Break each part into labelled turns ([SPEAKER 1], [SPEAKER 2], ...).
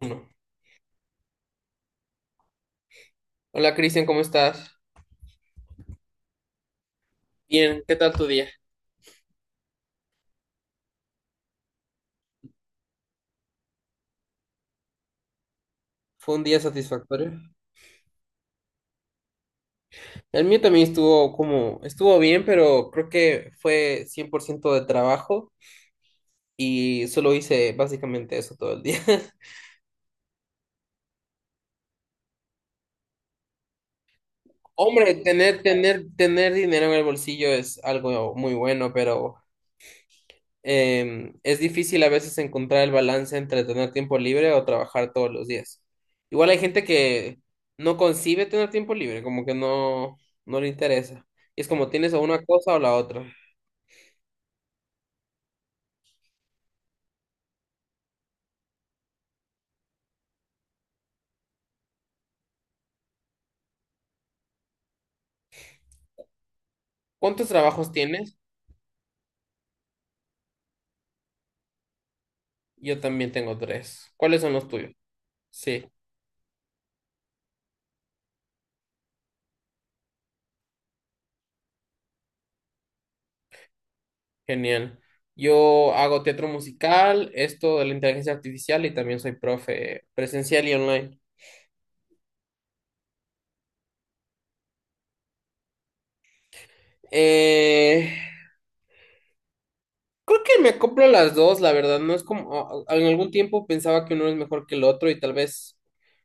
[SPEAKER 1] Uno. Hola, Cristian, ¿cómo estás? Bien, ¿qué tal tu día? ¿Fue un día satisfactorio? El mío también estuvo bien, pero creo que fue 100% de trabajo y solo hice básicamente eso todo el día. Hombre, tener dinero en el bolsillo es algo muy bueno, pero es difícil a veces encontrar el balance entre tener tiempo libre o trabajar todos los días. Igual hay gente que no concibe tener tiempo libre, como que no le interesa. Es como tienes o una cosa o la otra. ¿Cuántos trabajos tienes? Yo también tengo tres. ¿Cuáles son los tuyos? Sí, genial. Yo hago teatro musical, esto de la inteligencia artificial y también soy profe presencial y online. Eh, Creo que me acoplo a las dos, la verdad. No es como, en algún tiempo pensaba que uno es mejor que el otro y tal vez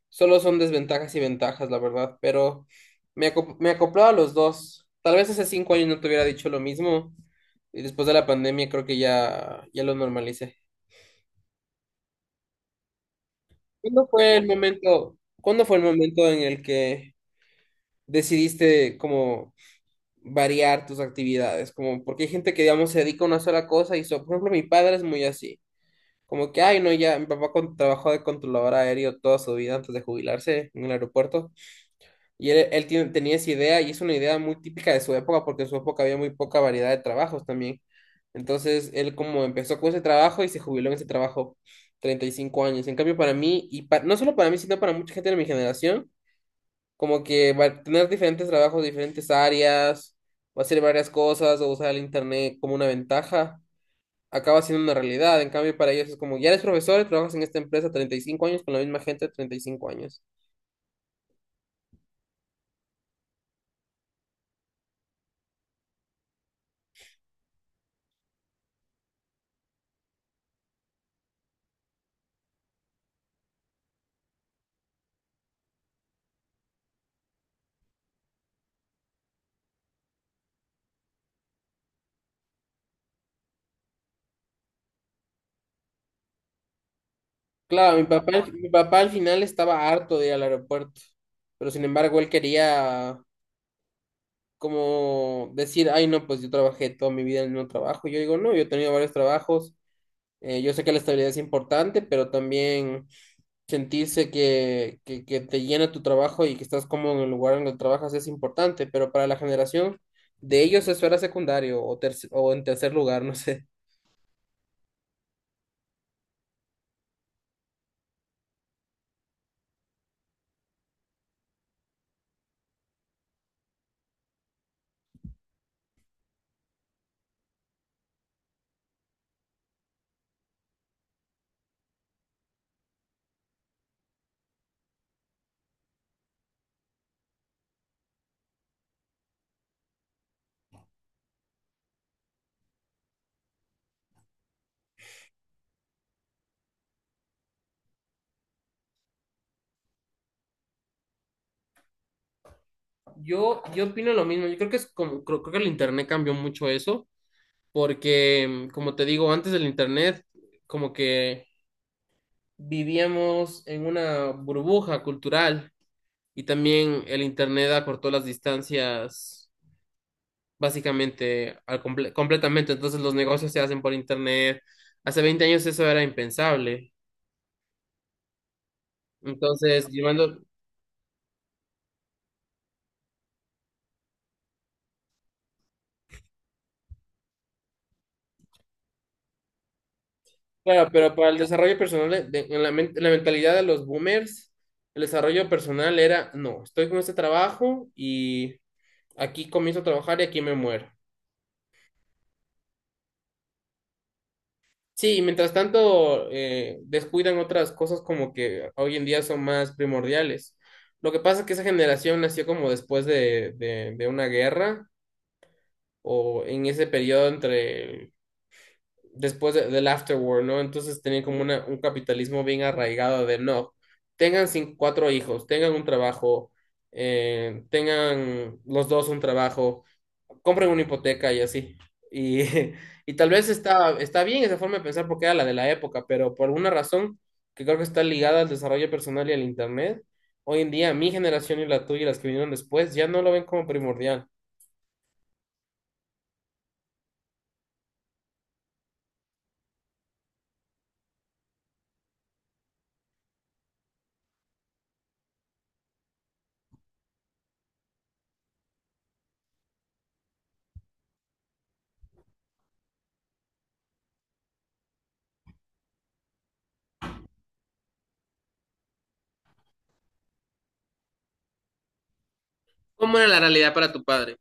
[SPEAKER 1] solo son desventajas y ventajas, la verdad, pero me acoplaba a los dos. Tal vez hace 5 años no te hubiera dicho lo mismo, y después de la pandemia creo que ya lo normalicé. ¿Cuándo fue el momento en el que decidiste como variar tus actividades? Como porque hay gente que, digamos, se dedica a una sola cosa y, por ejemplo, mi padre es muy así. Como que, ay, no, ya, mi papá trabajó de controlador aéreo toda su vida antes de jubilarse en el aeropuerto. Y él tenía esa idea, y es una idea muy típica de su época porque en su época había muy poca variedad de trabajos también. Entonces, él como empezó con ese trabajo y se jubiló en ese trabajo 35 años. En cambio, para mí, y no solo para mí, sino para mucha gente de mi generación, como que a tener diferentes trabajos, diferentes áreas, va a hacer varias cosas o usar el internet como una ventaja acaba siendo una realidad. En cambio, para ellos es como, ya eres profesor y trabajas en esta empresa 35 años con la misma gente de 35 años. Claro, mi papá al final estaba harto de ir al aeropuerto, pero sin embargo él quería como decir, ay no, pues yo trabajé toda mi vida en el mismo trabajo. Yo digo, no, yo he tenido varios trabajos. Yo sé que la estabilidad es importante, pero también sentirse que te llena tu trabajo y que estás cómodo en el lugar en el que trabajas es importante, pero para la generación de ellos eso era secundario o en tercer lugar, no sé. Yo opino lo mismo. Yo creo que es como, creo que el internet cambió mucho eso, porque como te digo, antes del internet como que vivíamos en una burbuja cultural, y también el internet acortó las distancias básicamente al completamente. Entonces los negocios se hacen por internet. Hace 20 años eso era impensable. Entonces, llevando, claro, pero para el desarrollo personal, en la mentalidad de los boomers, el desarrollo personal era, no, estoy con este trabajo y aquí comienzo a trabajar y aquí me muero. Sí, y mientras tanto descuidan otras cosas como que hoy en día son más primordiales. Lo que pasa es que esa generación nació como después de una guerra, o en ese periodo entre después del after war, ¿no? Entonces tenían como un capitalismo bien arraigado de no, tengan cinco cuatro hijos, tengan un trabajo, tengan los dos un trabajo, compren una hipoteca y así. Y, y tal vez está bien esa forma de pensar porque era la de la época, pero por alguna razón que creo que está ligada al desarrollo personal y al internet, hoy en día mi generación y la tuya y las que vinieron después ya no lo ven como primordial. ¿Cómo era la realidad para tu padre?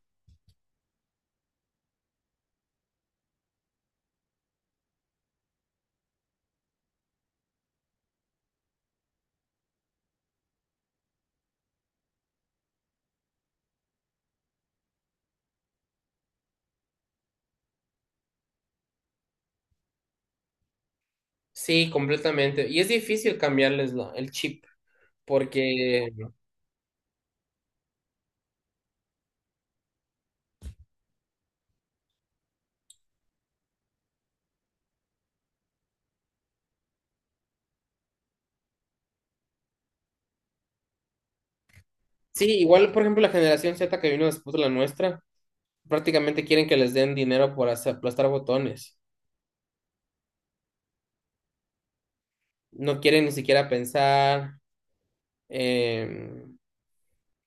[SPEAKER 1] Sí, completamente. Y es difícil cambiarles el chip, porque sí, igual, por ejemplo, la generación Z que vino después de la nuestra, prácticamente quieren que les den dinero por aplastar botones. No quieren ni siquiera pensar em,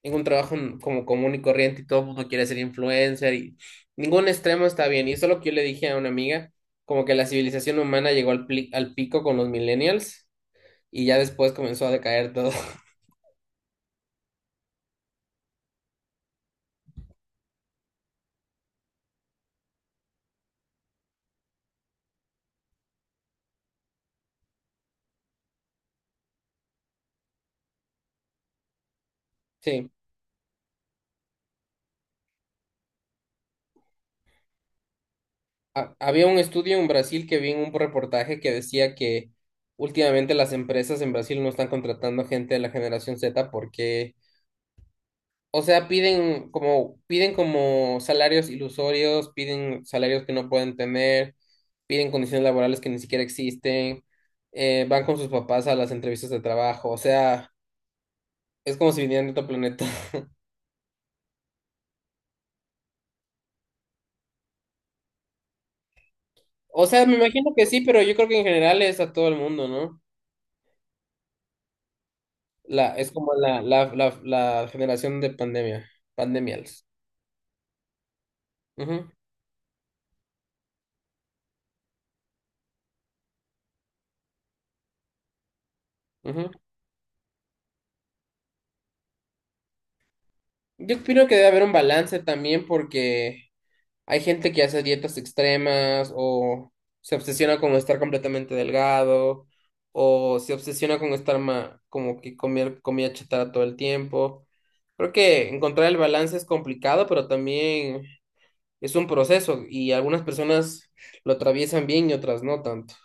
[SPEAKER 1] en un trabajo como común y corriente, y todo el mundo quiere ser influencer, y ningún extremo está bien. Y eso es lo que yo le dije a una amiga, como que la civilización humana llegó al pico con los millennials, y ya después comenzó a decaer todo. Sí. Había un estudio en Brasil que vi en un reportaje que decía que últimamente las empresas en Brasil no están contratando gente de la generación Z porque, o sea, piden como salarios ilusorios, piden salarios que no pueden tener, piden condiciones laborales que ni siquiera existen, van con sus papás a las entrevistas de trabajo, o sea, es como si vinieran de otro planeta. O sea, me imagino que sí, pero yo creo que en general es a todo el mundo, ¿no? Es como la generación de pandemia, pandemials. Ujú, ujú. Yo opino que debe haber un balance también porque hay gente que hace dietas extremas, o se obsesiona con estar completamente delgado, o se obsesiona con estar como que comer comida chatarra todo el tiempo. Creo que encontrar el balance es complicado, pero también es un proceso y algunas personas lo atraviesan bien y otras no tanto.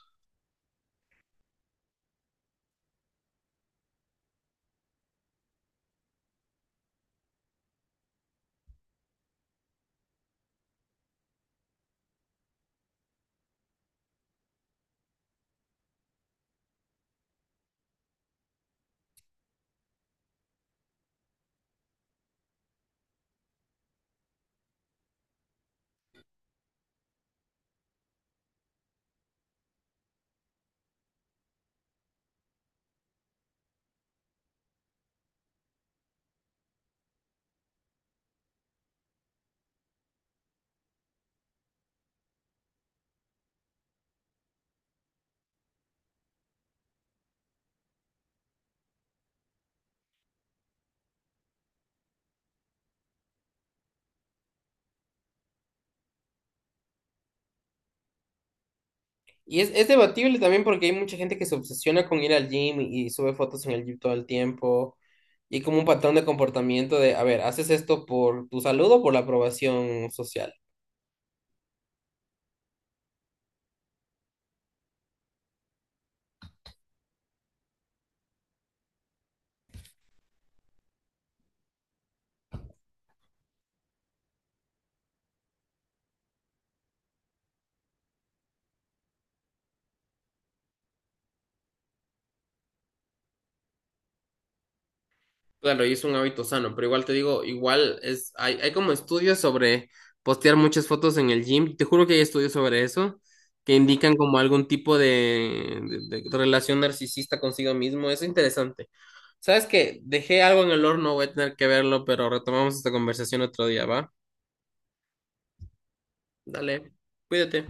[SPEAKER 1] Y es debatible también porque hay mucha gente que se obsesiona con ir al gym y sube fotos en el gym todo el tiempo. Y como un patrón de comportamiento de, a ver, ¿haces esto por tu salud o por la aprobación social? Claro, y es un hábito sano, pero igual te digo, igual es, hay como estudios sobre postear muchas fotos en el gym. Te juro que hay estudios sobre eso que indican como algún tipo de relación narcisista consigo mismo. Es interesante. ¿Sabes qué? Dejé algo en el horno, voy a tener que verlo, pero retomamos esta conversación otro día, ¿va? Dale, cuídate.